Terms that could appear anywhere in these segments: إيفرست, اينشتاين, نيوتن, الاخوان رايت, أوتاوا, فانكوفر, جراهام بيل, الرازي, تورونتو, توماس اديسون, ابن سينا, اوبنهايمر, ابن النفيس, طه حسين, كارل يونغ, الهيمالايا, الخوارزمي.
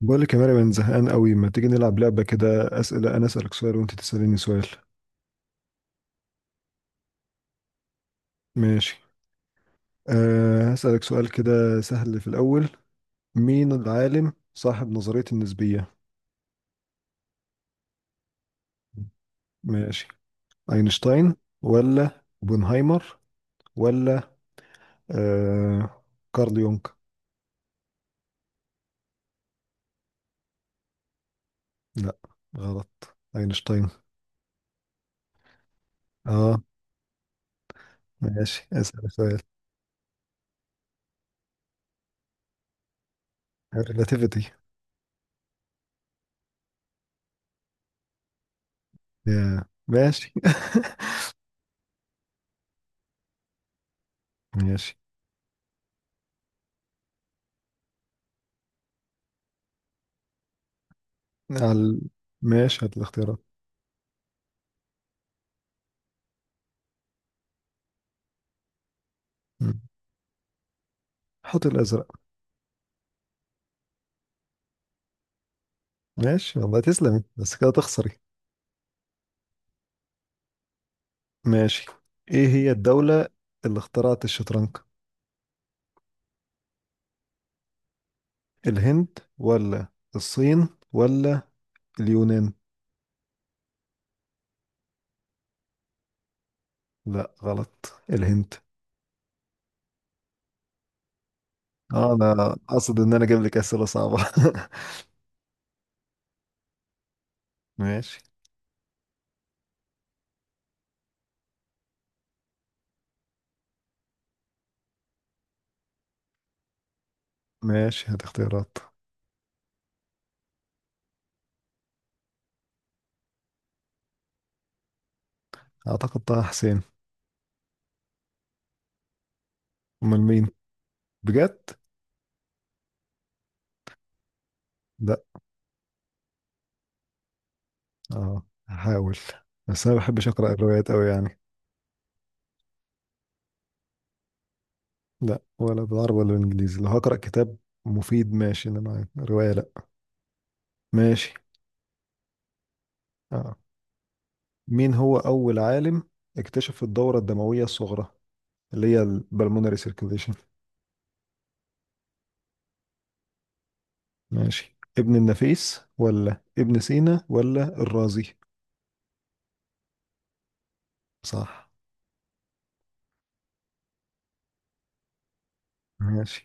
بقول لك يا مريم انا زهقان قوي، ما تيجي نلعب لعبه كده؟ اسئله، انا اسالك سؤال وانت تساليني سؤال. ماشي. أه، هسالك سؤال كده سهل في الاول. مين العالم صاحب نظريه النسبيه؟ ماشي، اينشتاين ولا اوبنهايمر ولا أه كارل يونغ؟ لا غلط، اينشتاين. اه ماشي، اسال سؤال. الريلاتيفيتي. يا ماشي ماشي. على ال- ماشي، هات الاختيارات. مم. حط الازرق. ماشي والله تسلمي، بس كده تخسري. ماشي، ايه هي الدولة اللي اخترعت الشطرنج؟ الهند ولا الصين ولا اليونان؟ لا غلط، الهند. انا اقصد ان انا اجيب لك اسئلة صعبة. ماشي. ماشي هات اختيارات. اعتقد طه حسين. امال مين؟ بجد؟ لا. اه هحاول، بس انا ما بحبش اقرا الروايات قوي يعني. لا ولا بالعربي ولا بالانجليزي. لو هقرا كتاب مفيد ماشي، انما رواية لا. ماشي. آه. مين هو أول عالم اكتشف الدورة الدموية الصغرى اللي هي البلمونري سيركيليشن؟ ماشي، ابن النفيس ولا ابن سينا ولا الرازي؟ صح. ماشي.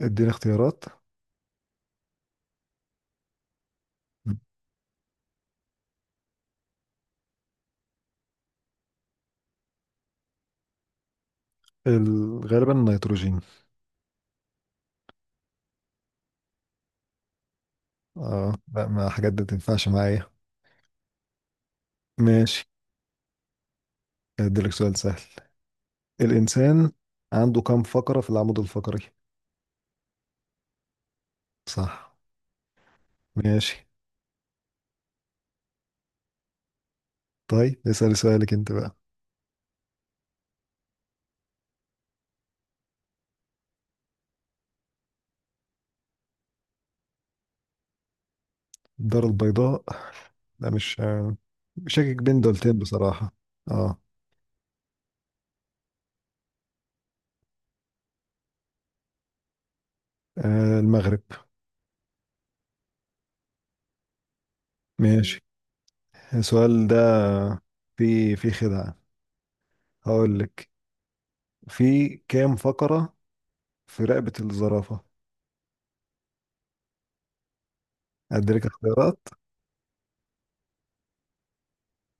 ادينا اختيارات. غالبا النيتروجين. اه لا، ما حاجات دي تنفعش معايا. ماشي. اديلك سؤال سهل. الإنسان عنده كم فقرة في العمود الفقري؟ صح. ماشي. طيب اسأل سؤالك انت بقى. الدار البيضاء. لا مش شاكك بين دولتين بصراحة. اه. المغرب. ماشي. السؤال ده في خدعة. هقول لك، في كام فقرة في رقبة الزرافة؟ أديلك اختيارات.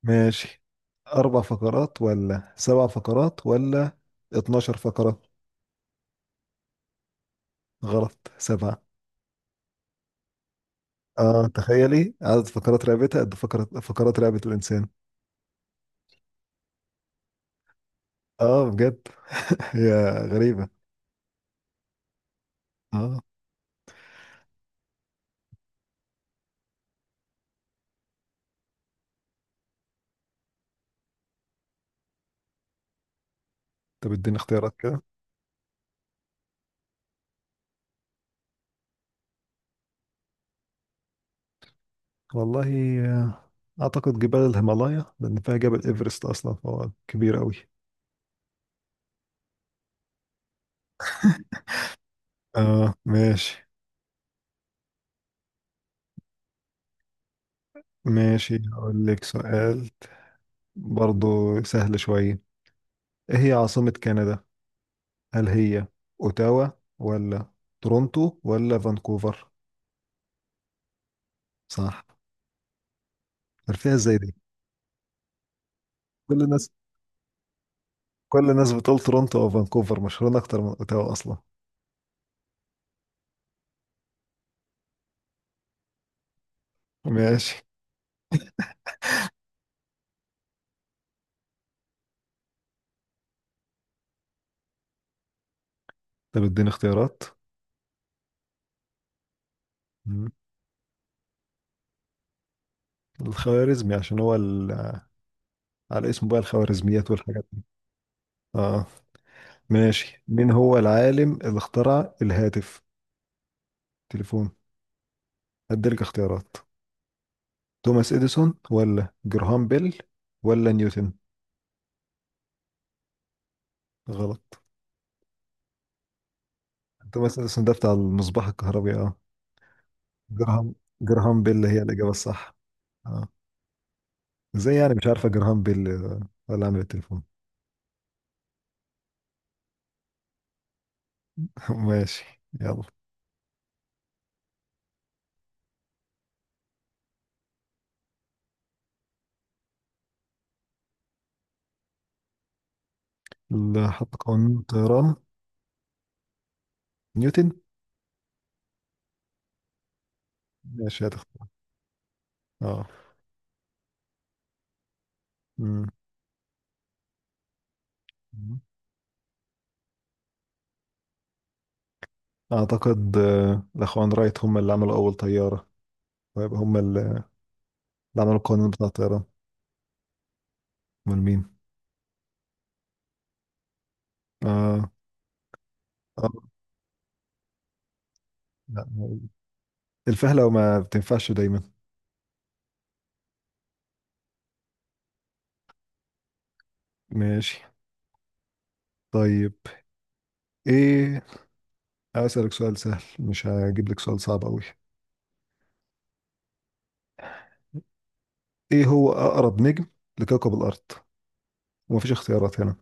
ماشي، أربع فقرات ولا سبع فقرات ولا 12 فقرة؟ غلط، سبعة. اه تخيلي عدد فقرات رقبتها قد فقرات رقبة الإنسان. اه بجد. هي غريبة. اه طب اديني اختيارات كده. والله آه، أعتقد جبال الهيمالايا لأن فيها جبل إيفرست أصلا فهو كبير أوي. آه ماشي. ماشي، هقول لك سؤال برضو سهل شوية. إيه هي عاصمة كندا؟ هل هي أوتاوا ولا تورونتو ولا فانكوفر؟ صح. عرفتها إزاي دي؟ كل الناس كل الناس بتقول تورونتو أو فانكوفر مشهورين أكتر من أوتاوا أصلا. ماشي. طب اديني اختيارات. مم. الخوارزمي عشان هو ال... على اسمه بقى الخوارزميات والحاجات دي. اه. ماشي، مين هو العالم اللي اخترع الهاتف، تليفون؟ هديلك اختيارات. توماس اديسون ولا جراهام بيل ولا نيوتن؟ غلط. توماس اديسون ده بتاع المصباح الكهربي، اه. جراهام جراهام بيل هي الاجابه الصح. اه، ازاي يعني مش عارفه جراهام بيل ولا عامل التليفون؟ ماشي يلا. اللي حط قانون الطيران نيوتن. ماشي هتختار. اه. مم. اعتقد الاخوان رايت هم اللي عملوا اول طياره، ويبقى هم اللي عملوا القانون بتاع الطيران. امال مين؟ اه. اه لا، الفهلة وما بتنفعش دايما. ماشي. طيب ايه، هسألك سؤال سهل مش هجيب لك سؤال صعب قوي. ايه هو اقرب نجم لكوكب الارض؟ ومفيش اختيارات هنا.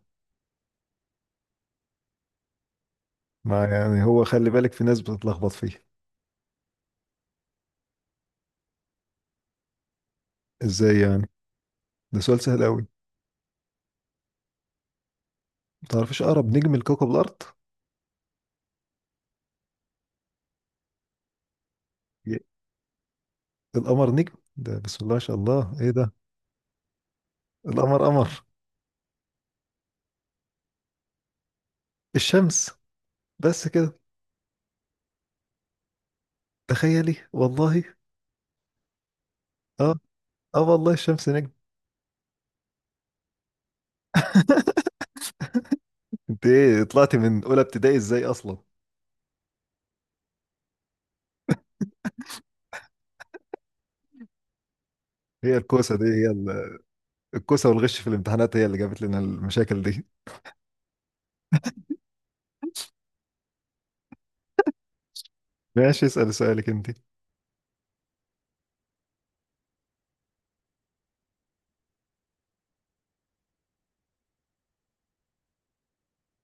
ما يعني هو خلي بالك، في ناس بتتلخبط فيه. ازاي يعني، ده سؤال سهل قوي. ما تعرفش اقرب نجم لكوكب الارض؟ ي- القمر نجم؟ ده بسم الله ما شاء الله، ايه ده؟ القمر قمر. الشمس، بس كده. تخيلي والله. اه. اه والله الشمس نجم. انت ايه طلعتي من اولى ابتدائي ازاي اصلا؟ هي الكوسه دي هي الكوسه والغش في الامتحانات هي اللي جابت لنا المشاكل دي. ماشي اسال سؤالك انت.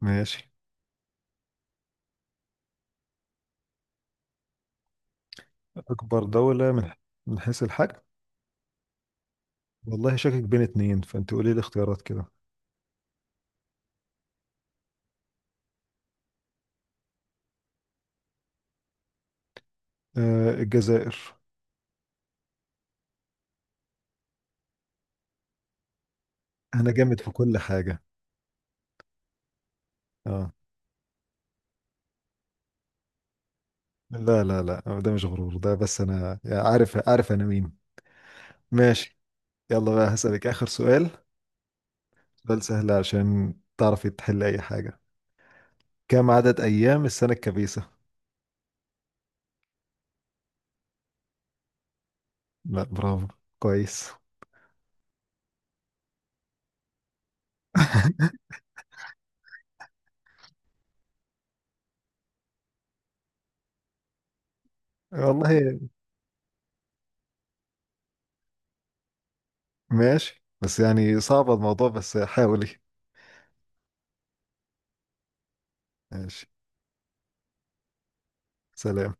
ماشي، اكبر دوله من من حيث الحجم. والله شاكك بين اتنين فانت قولي لي اختيارات كده. آه الجزائر. انا جامد في كل حاجه. اه. لا لا لا ده مش غرور، ده بس انا يعني عارف، انا مين. ماشي. يلا بقى هسألك آخر سؤال. سؤال سهل عشان تعرفي تحل أي حاجة. كم عدد أيام السنة الكبيسة؟ لا برافو، كويس. والله ماشي، بس يعني صعب الموضوع، بس حاولي. ماشي. سلام.